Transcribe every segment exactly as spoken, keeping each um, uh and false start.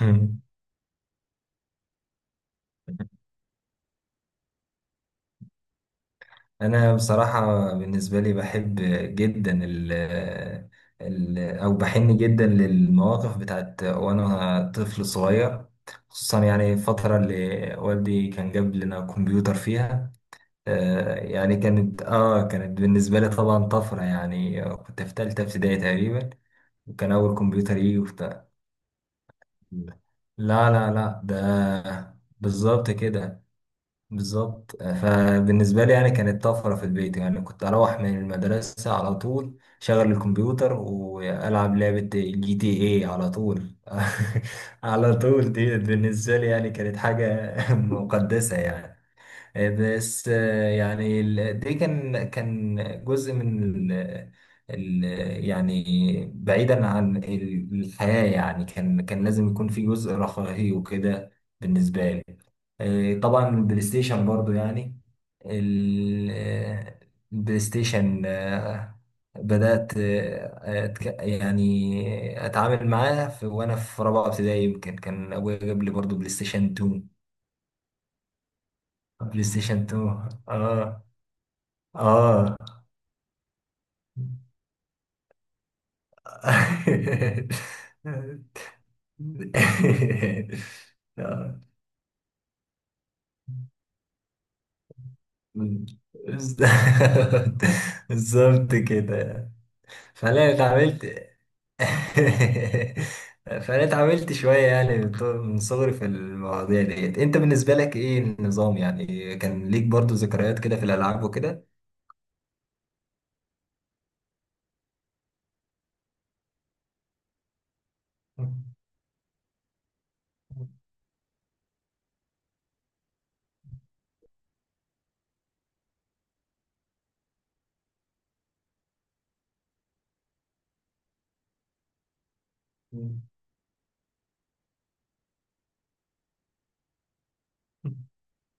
مم. انا بصراحه بالنسبه لي بحب جدا ال ال او بحن جدا للمواقف بتاعت وانا طفل صغير، خصوصا يعني الفتره اللي والدي كان جاب لنا كمبيوتر فيها. آه، يعني كانت اه كانت بالنسبه لي طبعا طفره، يعني كنت في ثالثه ابتدائي تقريبا، وكان اول كمبيوتر يجي وبتاع. لا، لا، لا، ده بالظبط كده. بالظبط، فبالنسبة لي يعني كانت طفرة في البيت، يعني كنت أروح من المدرسة على طول، شغل الكمبيوتر وألعب لعبة جي تي اي على طول. على طول، دي بالنسبة لي يعني كانت حاجة مقدسة يعني. آه، بس، آه، يعني ال- دي كان كان جزء من ال ال يعني بعيدا عن ال- الحياة، يعني كان كان لازم يكون في جزء رفاهي وكده بالنسبة لي. آه، طبعا البلاي ستيشن برضو يعني ال- آه، البلاي ستيشن، آه، بدأت، آه، أتك- يعني أتعامل معاه في وأنا في رابعة ابتدائي، يمكن كان أبويا جاب لي برضو بلاي ستيشن اتنين. بلاي ستيشن اتنين، اه، اه. آه. بالظبط، بالظبط كده. فانا اتعاملت فانا اتعاملت شويه، يعني من طو- من صغري في المواضيع ديت. انت بالنسبه لك ايه النظام؟ يعني كان ليك برضو ذكريات كده في الالعاب وكده؟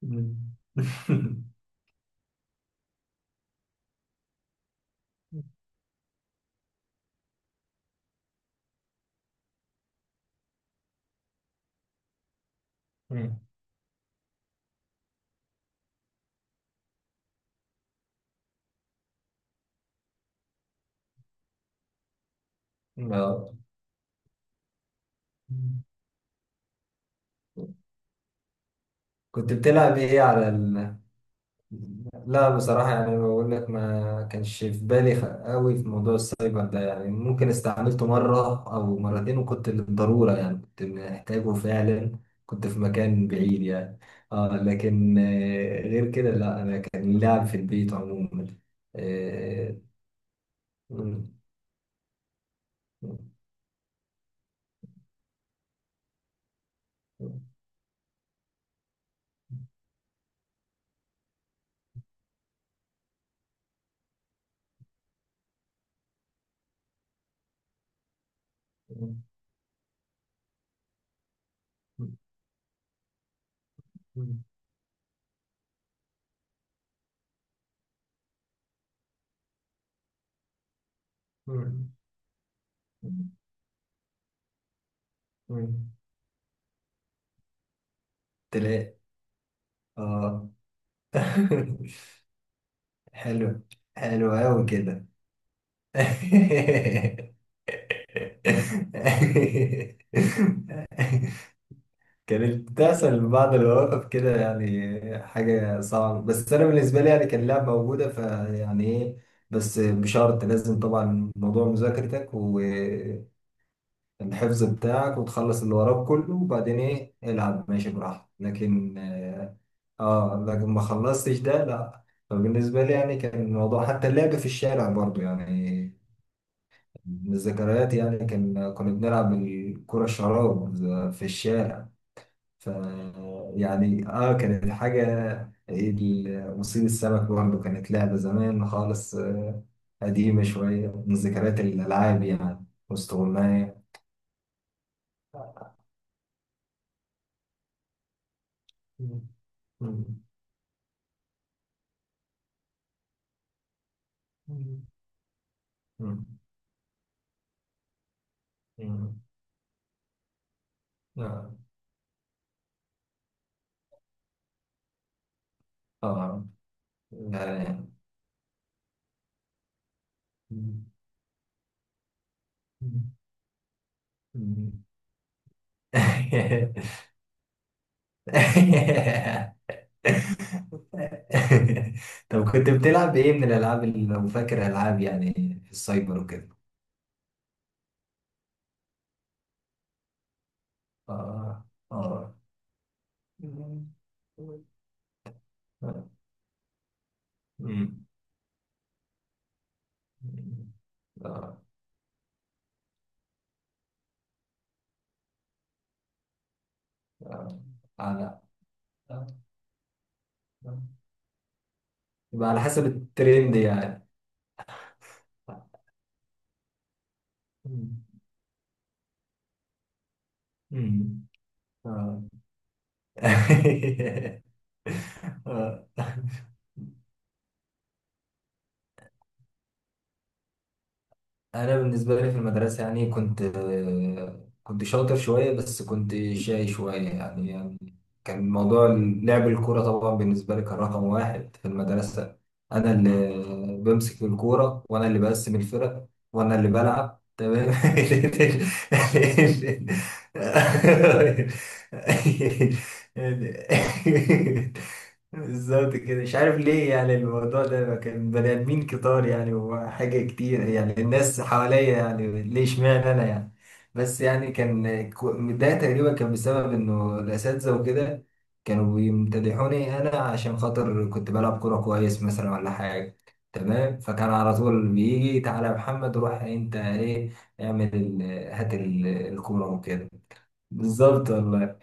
اه. كنت بتلعب ايه على ال لا، بصراحة يعني بقول لك ما كانش في بالي خ- قوي في موضوع السايبر ده، يعني ممكن استعملته مرة أو مرتين، وكنت للضرورة يعني كنت محتاجه فعلا، كنت في مكان بعيد يعني. آه لكن، آه، غير كده لا، أنا كان لعب في البيت عموما. آه، مم. تلاقي. آه حلو، حلو أوي كده. كانت بتحصل في بعض المواقف كده يعني حاجة صعبة، بس أنا بالنسبة لي يعني كان اللعب موجودة، فيعني إيه؟ بس بشرط لازم طبعا موضوع مذاكرتك والحفظ بتاعك، وتخلص اللي وراك كله، وبعدين إيه، العب ماشي براحتك، لكن آه آه، لكن ما خلصتش ده لأ. فبالنسبة لي يعني كان الموضوع حتى اللعب في الشارع برضو يعني من الذكريات، يعني كان كنا بنلعب الكرة الشراب في الشارع، ف يعني اه كانت حاجة، ال- مصيد السمك برضه كانت لعبة زمان خالص، آه، قديمة شوية، من ذكريات الألعاب يعني، واستغماية. مم. مم. مم. مم. آه. آه. آه. مم. مم. طب كنت بتلعب ايه من الالعاب اللي لو فاكر، العاب يعني في السايبر وكده؟ اه، اه. أمم. اه، اه. على آه. آه. يبقى على حسب الترند يعني. أمم. أمم. اه. آه. انا بالنسبه لي في المدرسه يعني كنت، آه، كنت شاطر شويه، بس كنت شاي شويه يعني يعني كان موضوع لعب الكوره طبعا بالنسبه لي كان رقم واحد في المدرسه. انا اللي بمسك الكوره، وانا اللي بقسم الفرق، وانا اللي بلعب. تمام. بالظبط كده. مش عارف ليه يعني الموضوع ده، كان بني ادمين كتار يعني وحاجة كتير يعني، الناس حواليا يعني ليه اشمعنى انا يعني؟ بس يعني كان كو- ده تقريبا كان بسبب انه الاساتذة وكده كانوا بيمتدحوني انا عشان خاطر كنت بلعب كورة كويس مثلا ولا حاجة. تمام. فكان على طول بيجي: تعالى يا محمد، روح انت، ايه، اعمل ال- هات ال- الكورة وكده. بالظبط والله.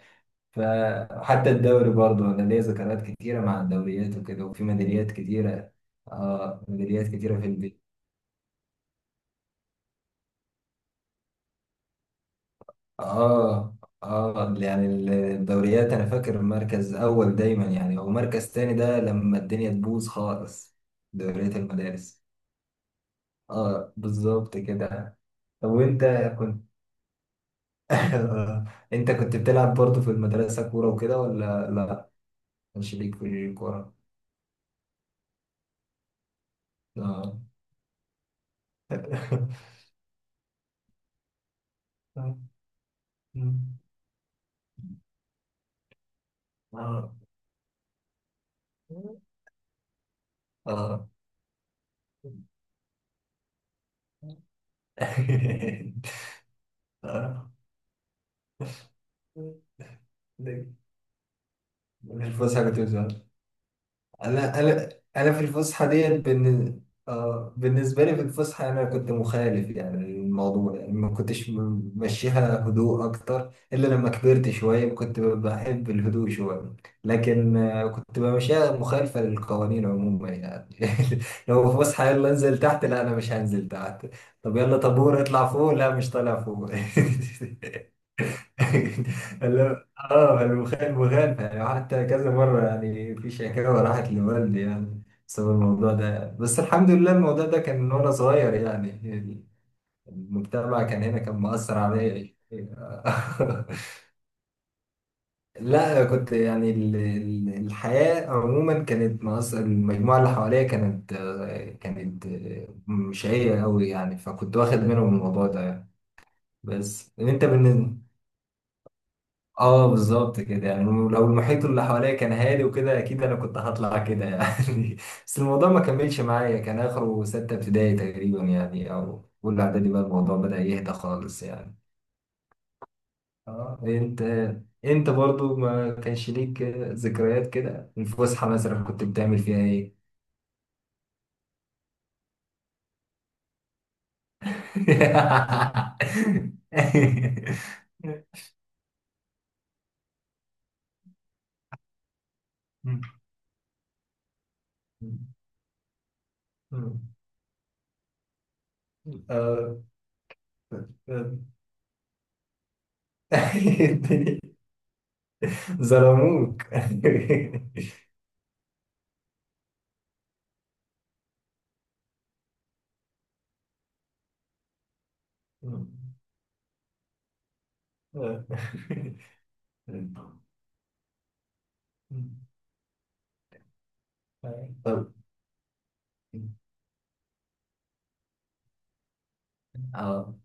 فحتى الدوري برضه انا ليا ذكريات كتيره مع الدوريات وكده، وفي ميداليات كتيره. اه، ميداليات كتيره في البيت. اه، اه، يعني الدوريات انا فاكر مركز اول دايما، يعني هو مركز تاني ده لما الدنيا تبوظ خالص، دوريات المدارس. اه بالظبط كده. طب وانت كنت انت كنت بتلعب برضه في المدرسه كوره وكده ولا لا؟ مش ليك في الكوره؟ اه. اه، اه. آه. ده- مش بس حاجة توزع. انا انا انا في الفسحه ديت بالن... آه، بالنسبه لي في الفسحه انا كنت مخالف يعني، الموضوع يعني ما كنتش م- ممشيها هدوء اكتر، الا لما كبرت شويه كنت ب- بحب الهدوء شويه، لكن آه كنت بمشيها مخالفه للقوانين عموما يعني. لو في فسحه يلا انزل تحت، لا، انا مش هنزل تحت. طب يلا طابور اطلع فوق، لا، مش طالع فوق. اه الوخ- الوغام يعني، حتى كذا مرة يعني في شكاوى راحت لوالدي يعني بسبب الموضوع ده، بس الحمد لله الموضوع ده كان من وأنا صغير يعني، المجتمع كان هنا كان مؤثر عليا. لا كنت يعني، ال- ال- الحياة عموما كانت مؤثر، المجموعة اللي حواليا كانت آه، كانت آه، مش هي قوي يعني، فكنت واخد منهم الموضوع ده يعني. بس انت بالنسبة اه بالظبط كده يعني، لو المحيط اللي حواليا كان هادي وكده اكيد انا كنت هطلع كده يعني. بس الموضوع ما كملش معايا، كان اخره ستة ابتدائي تقريبا يعني، او اولى اعدادي بقى الموضوع بدأ يهدى خالص يعني. اه. انت انت برضو ما كانش ليك ذكريات كده؟ الفسحة مثلا كنت بتعمل فيها ايه؟ آه. ظلموك. مم. آه. مم. طب اه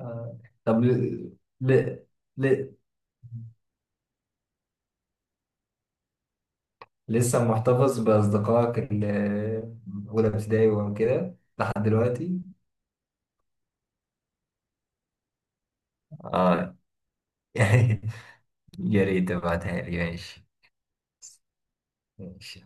آه. طب ل... ل... ل... لسه محتفظ بأصدقائك اللي من أولى ابتدائي وكده لحد دلوقتي؟ اه. يا ريت تبعتها لي، ماشي؟ ماشي،